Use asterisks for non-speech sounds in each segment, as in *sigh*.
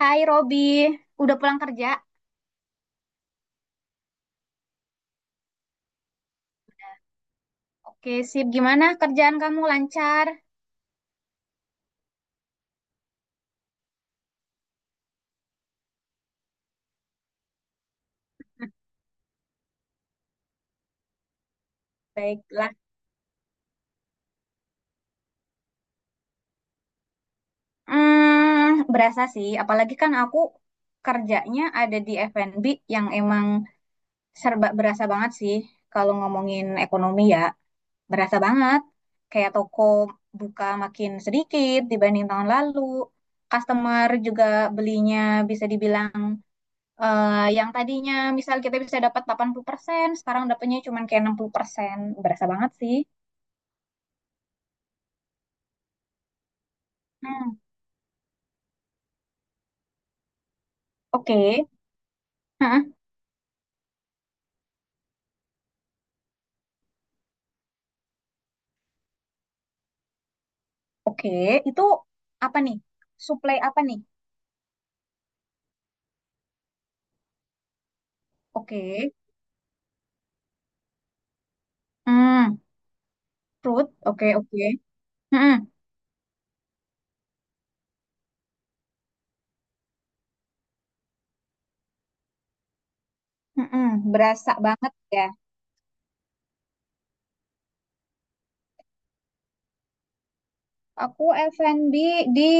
Hai Robi, udah pulang kerja? Oke, sip. Gimana kerjaan kamu lancar? Baiklah. Hmm, berasa sih. Apalagi kan aku kerjanya ada di F&B yang emang serba berasa banget sih. Kalau ngomongin ekonomi ya, berasa banget. Kayak toko buka makin sedikit dibanding tahun lalu. Customer juga belinya bisa dibilang Eh, yang tadinya misal kita bisa dapat 80% sekarang dapatnya cuma kayak 60%. Berasa banget sih. Hmm, oke. Hah, oke. Itu apa nih? Supply apa nih? Oke. Hmm, fruit. Oke, oke. Hmm, hmm, berasa banget ya. Aku F&B di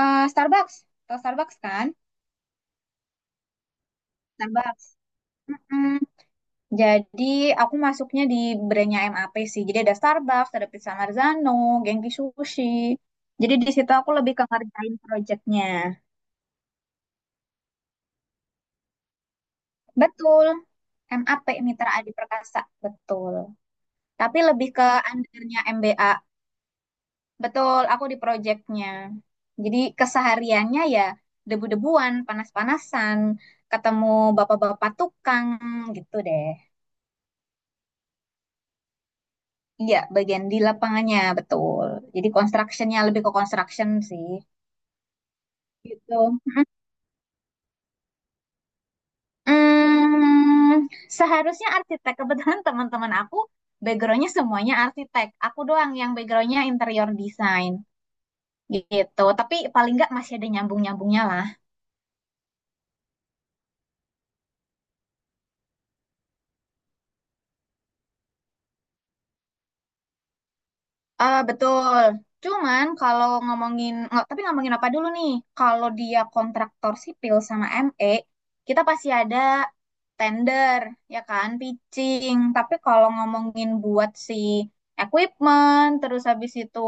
Starbucks. Atau Starbucks kan? Starbucks. Hmm, jadi aku masuknya di brandnya M A P sih. Jadi ada Starbucks, ada Pizza Marzano, Genki Sushi. Jadi di situ aku lebih ke ngerjain proyeknya. Betul, M A P Mitra Adi Perkasa, betul. Tapi lebih ke undernya M B A. Betul, aku di proyeknya. Jadi kesehariannya ya debu-debuan, panas-panasan, ketemu bapak-bapak tukang gitu deh. Iya, bagian di lapangannya, betul. Jadi constructionnya lebih ke construction sih. Gitu. Mm, seharusnya arsitek. Kebetulan teman-teman aku backgroundnya semuanya arsitek. Aku doang yang backgroundnya interior design gitu. Tapi paling nggak masih ada nyambung-nyambungnya lah. Ah betul. Cuman kalau ngomongin, nggak, tapi ngomongin apa dulu nih? Kalau dia kontraktor sipil sama ME, kita pasti ada tender, ya kan, pitching. Tapi kalau ngomongin buat si equipment, terus habis itu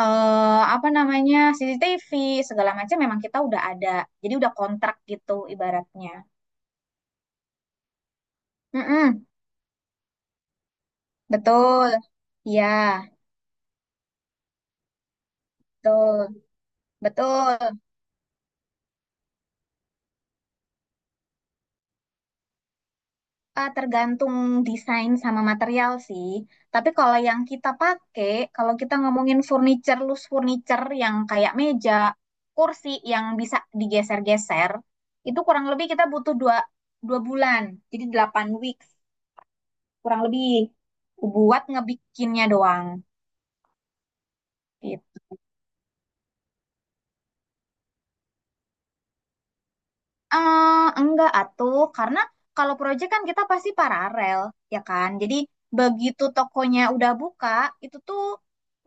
apa namanya CCTV segala macam memang kita udah ada, jadi udah kontrak gitu ibaratnya. Mm-mm, betul ya betul betul. Tergantung desain sama material sih, tapi kalau yang kita pakai, kalau kita ngomongin furniture loose furniture yang kayak meja kursi yang bisa digeser-geser, itu kurang lebih kita butuh dua dua bulan, jadi 8 weeks kurang lebih buat ngebikinnya doang. Gitu. Enggak atuh, karena kalau proyek kan kita pasti paralel, ya kan? Jadi begitu tokonya udah buka, itu tuh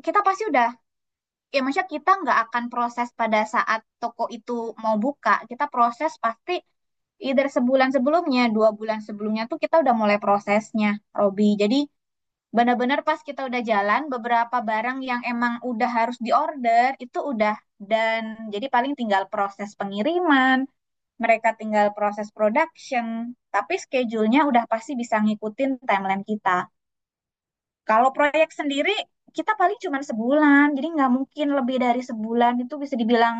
kita pasti udah, ya maksudnya kita nggak akan proses pada saat toko itu mau buka, kita proses pasti either sebulan sebelumnya, 2 bulan sebelumnya tuh kita udah mulai prosesnya, Robi. Jadi benar-benar pas kita udah jalan, beberapa barang yang emang udah harus diorder itu udah, dan jadi paling tinggal proses pengiriman, mereka tinggal proses production, tapi schedule-nya udah pasti bisa ngikutin timeline kita. Kalau proyek sendiri, kita paling cuma sebulan, jadi nggak mungkin lebih dari sebulan, itu bisa dibilang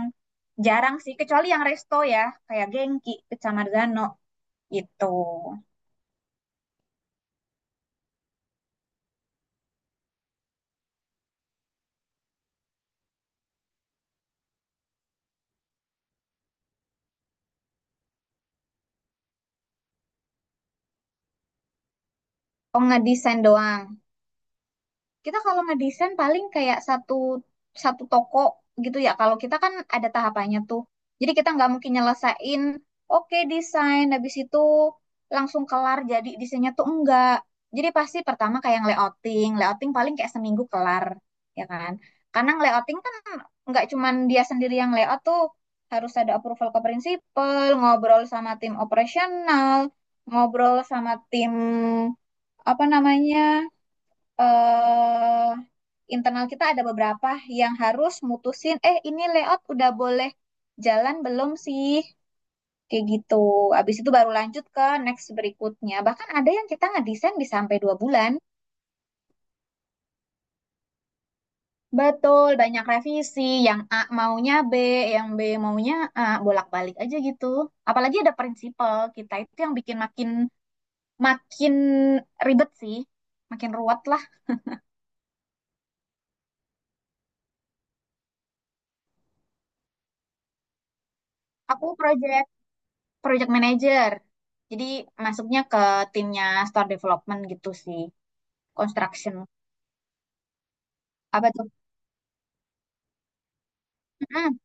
jarang sih, kecuali yang resto ya, kayak Genki, Kecamar Gano, gitu. Oh, ngedesain doang. Kita kalau ngedesain paling kayak satu satu toko gitu ya. Kalau kita kan ada tahapannya tuh. Jadi kita nggak mungkin nyelesain, oke desain, habis itu langsung kelar jadi desainnya tuh enggak. Jadi pasti pertama kayak layouting, layouting paling kayak seminggu kelar, ya kan? Karena layouting kan nggak cuman dia sendiri yang layout tuh, harus ada approval ke prinsipal, ngobrol sama tim operasional, ngobrol sama tim apa namanya? eh Internal kita ada beberapa yang harus mutusin, ini layout udah boleh jalan belum sih? Kayak gitu. Habis itu baru lanjut ke next berikutnya. Bahkan ada yang kita ngedesain bisa sampai 2 bulan. Betul, banyak revisi. Yang A maunya B, yang B maunya A, bolak-balik aja gitu. Apalagi ada prinsipal kita itu yang bikin makin makin ribet sih, makin ruwet lah. Aku project manager. Jadi masuknya ke timnya store development gitu sih, construction. Apa tuh? Mm-mm.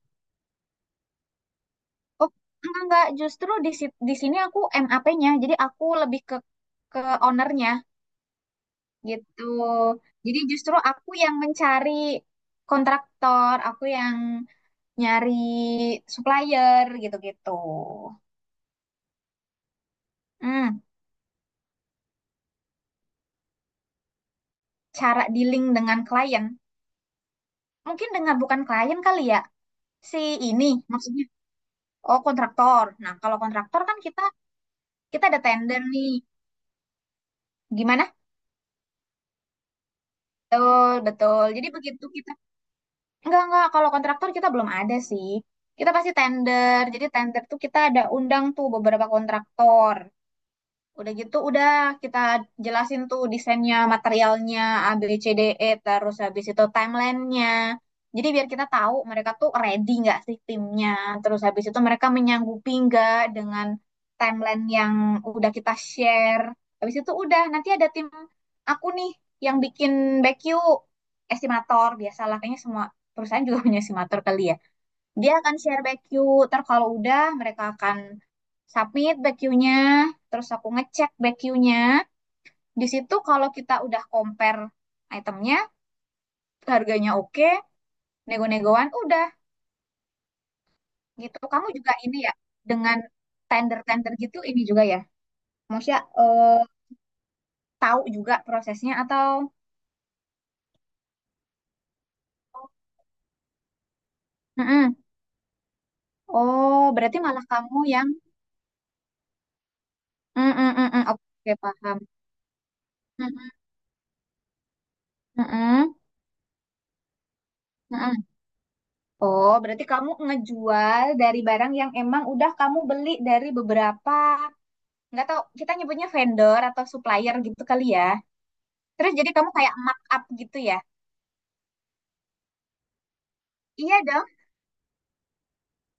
Oh, enggak, justru di sini aku M A p nya. Jadi aku lebih ke ke ownernya gitu. Jadi justru aku yang mencari kontraktor, aku yang nyari supplier gitu-gitu. Hmm, cara dealing dengan klien. Mungkin dengan bukan klien kali ya. Si ini maksudnya. Oh, kontraktor. Nah, kalau kontraktor kan kita kita ada tender nih. Gimana? Betul, betul. Jadi begitu kita enggak, kalau kontraktor kita belum ada sih. Kita pasti tender. Jadi tender tuh kita ada undang tuh beberapa kontraktor. Udah gitu, udah kita jelasin tuh desainnya, materialnya, A, B, C, D, E, terus habis itu timelinenya. Jadi biar kita tahu mereka tuh ready nggak sih timnya. Terus habis itu mereka menyanggupi nggak dengan timeline yang udah kita share. Habis itu udah, nanti ada tim aku nih yang bikin back you estimator. Biasalah, kayaknya semua perusahaan juga *laughs* punya estimator kali ya. Dia akan share back queue. Ntar kalau udah mereka akan submit back queue-nya, terus aku ngecek back queue-nya. Di situ kalau kita udah compare itemnya, harganya oke, nego-negoan udah gitu. Kamu juga ini ya dengan tender-tender gitu ini juga ya. Maksudnya tahu juga prosesnya atau. Mm-mm. Oh, berarti malah kamu yang mm -mm, mm, mm. Oke, paham. Mm-mm, mm-mm, mm-mm. Oh, berarti kamu ngejual dari barang yang emang udah kamu beli dari beberapa, nggak tahu kita nyebutnya vendor atau supplier gitu kali ya. Terus jadi kamu kayak markup gitu ya. Iya dong,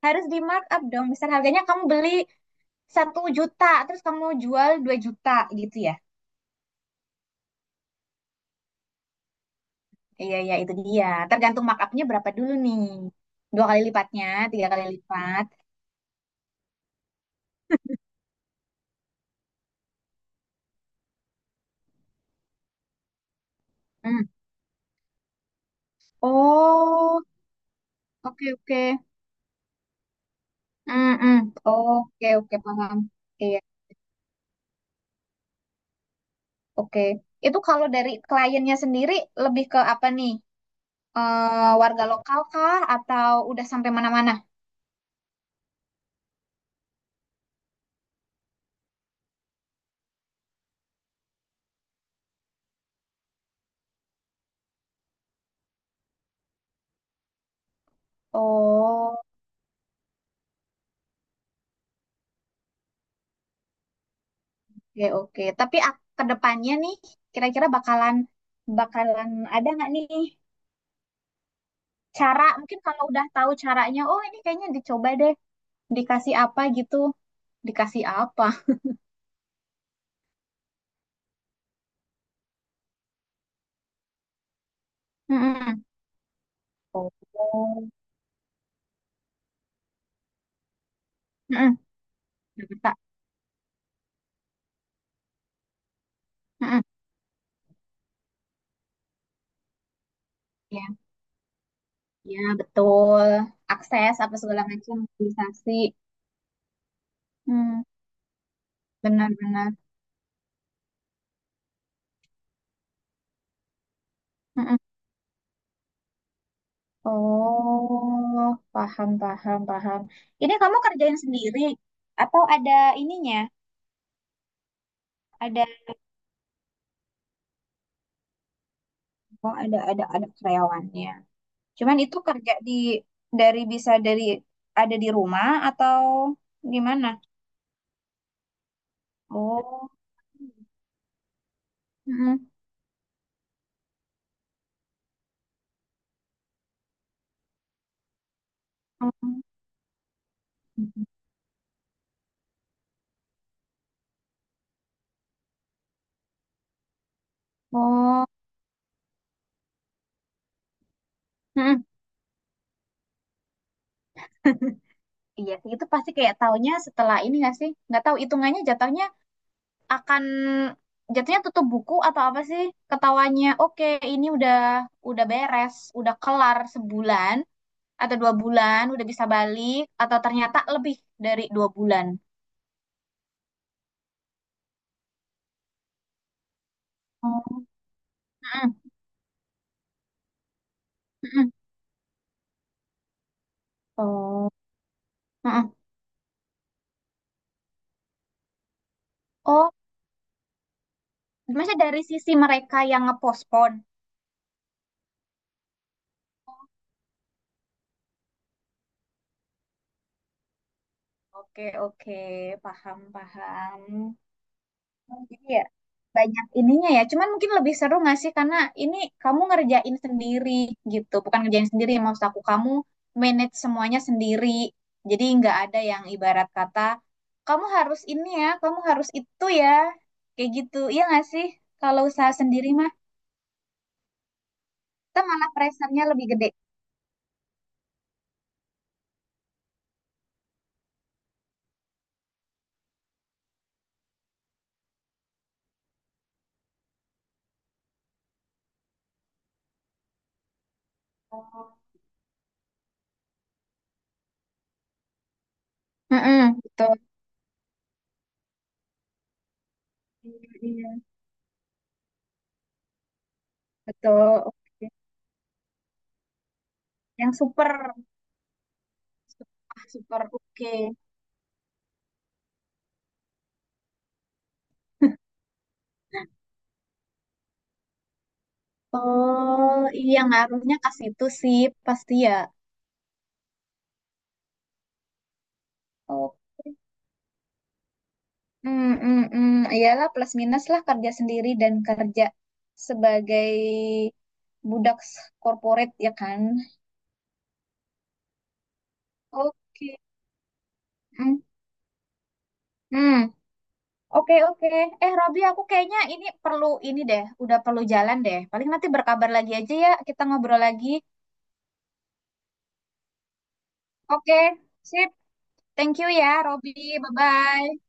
harus di markup dong. Misal harganya kamu beli 1 juta, terus kamu jual 2 juta gitu ya. Iya, iya itu dia. Tergantung markupnya berapa dulu nih. Dua kali lipatnya, tiga kali lipat. Hmm. Oh, oke oke. Hmm, hmm. Oh, oke oke paham. Iya. Oke, itu kalau dari kliennya sendiri lebih ke apa nih? Warga lokal kah atau udah sampai mana-mana? Oh, oke oke. Tapi ke depannya nih, kira-kira bakalan bakalan ada nggak nih cara? Mungkin kalau udah tahu caranya, oh ini kayaknya dicoba deh, dikasih apa gitu, dikasih apa? Mm-mm. Oh, mm-mm. Jakarta. Mm-mm. Ya, ya betul. Akses apa segala macam, mobilisasi. Hmm, benar-benar. Oh, paham, paham, paham. Ini kamu kerjain sendiri atau ada ininya? Ada oh, ada karyawannya. Cuman itu kerja di dari bisa dari ada di rumah atau gimana? Oh, mm-mm. Oh, mm-mm. Iya sih, itu pasti kayak taunya setelah ini nggak sih? Nggak tahu hitungannya jatuhnya akan jatuhnya tutup buku atau apa sih ketawanya oke ini udah beres udah kelar sebulan atau 2 bulan udah bisa balik atau ternyata lebih dari 2 bulan. Oh, mm-mm, mm-mm, oh. Mm-mm. Oh, maksudnya dari sisi mereka yang ngepospon. Oke oke paham paham. Oh, jadi ya banyak ininya ya. Cuman mungkin lebih seru nggak sih karena ini kamu ngerjain sendiri gitu. Bukan ngerjain sendiri, maksud aku kamu manage semuanya sendiri. Jadi nggak ada yang ibarat kata kamu harus ini ya, kamu harus itu ya. Kayak gitu. Iya nggak sih? Kalau usaha sendiri mah kita malah pressure-nya lebih gede. Oh. Mm-mm, betul. Iya, iya. Betul. Oke. Yang super super super oke. Oh iya ngaruhnya ke situ sih pasti ya. Oke, hmm hmm mm. Iyalah plus minus lah kerja sendiri dan kerja sebagai budak corporate ya kan. Oke. Hmm mm. Oke, oke. Eh, Robi, aku kayaknya ini perlu ini deh, udah perlu jalan deh. Paling nanti berkabar lagi aja ya, kita ngobrol lagi. Oke, sip. Thank you ya, Robi. Bye-bye.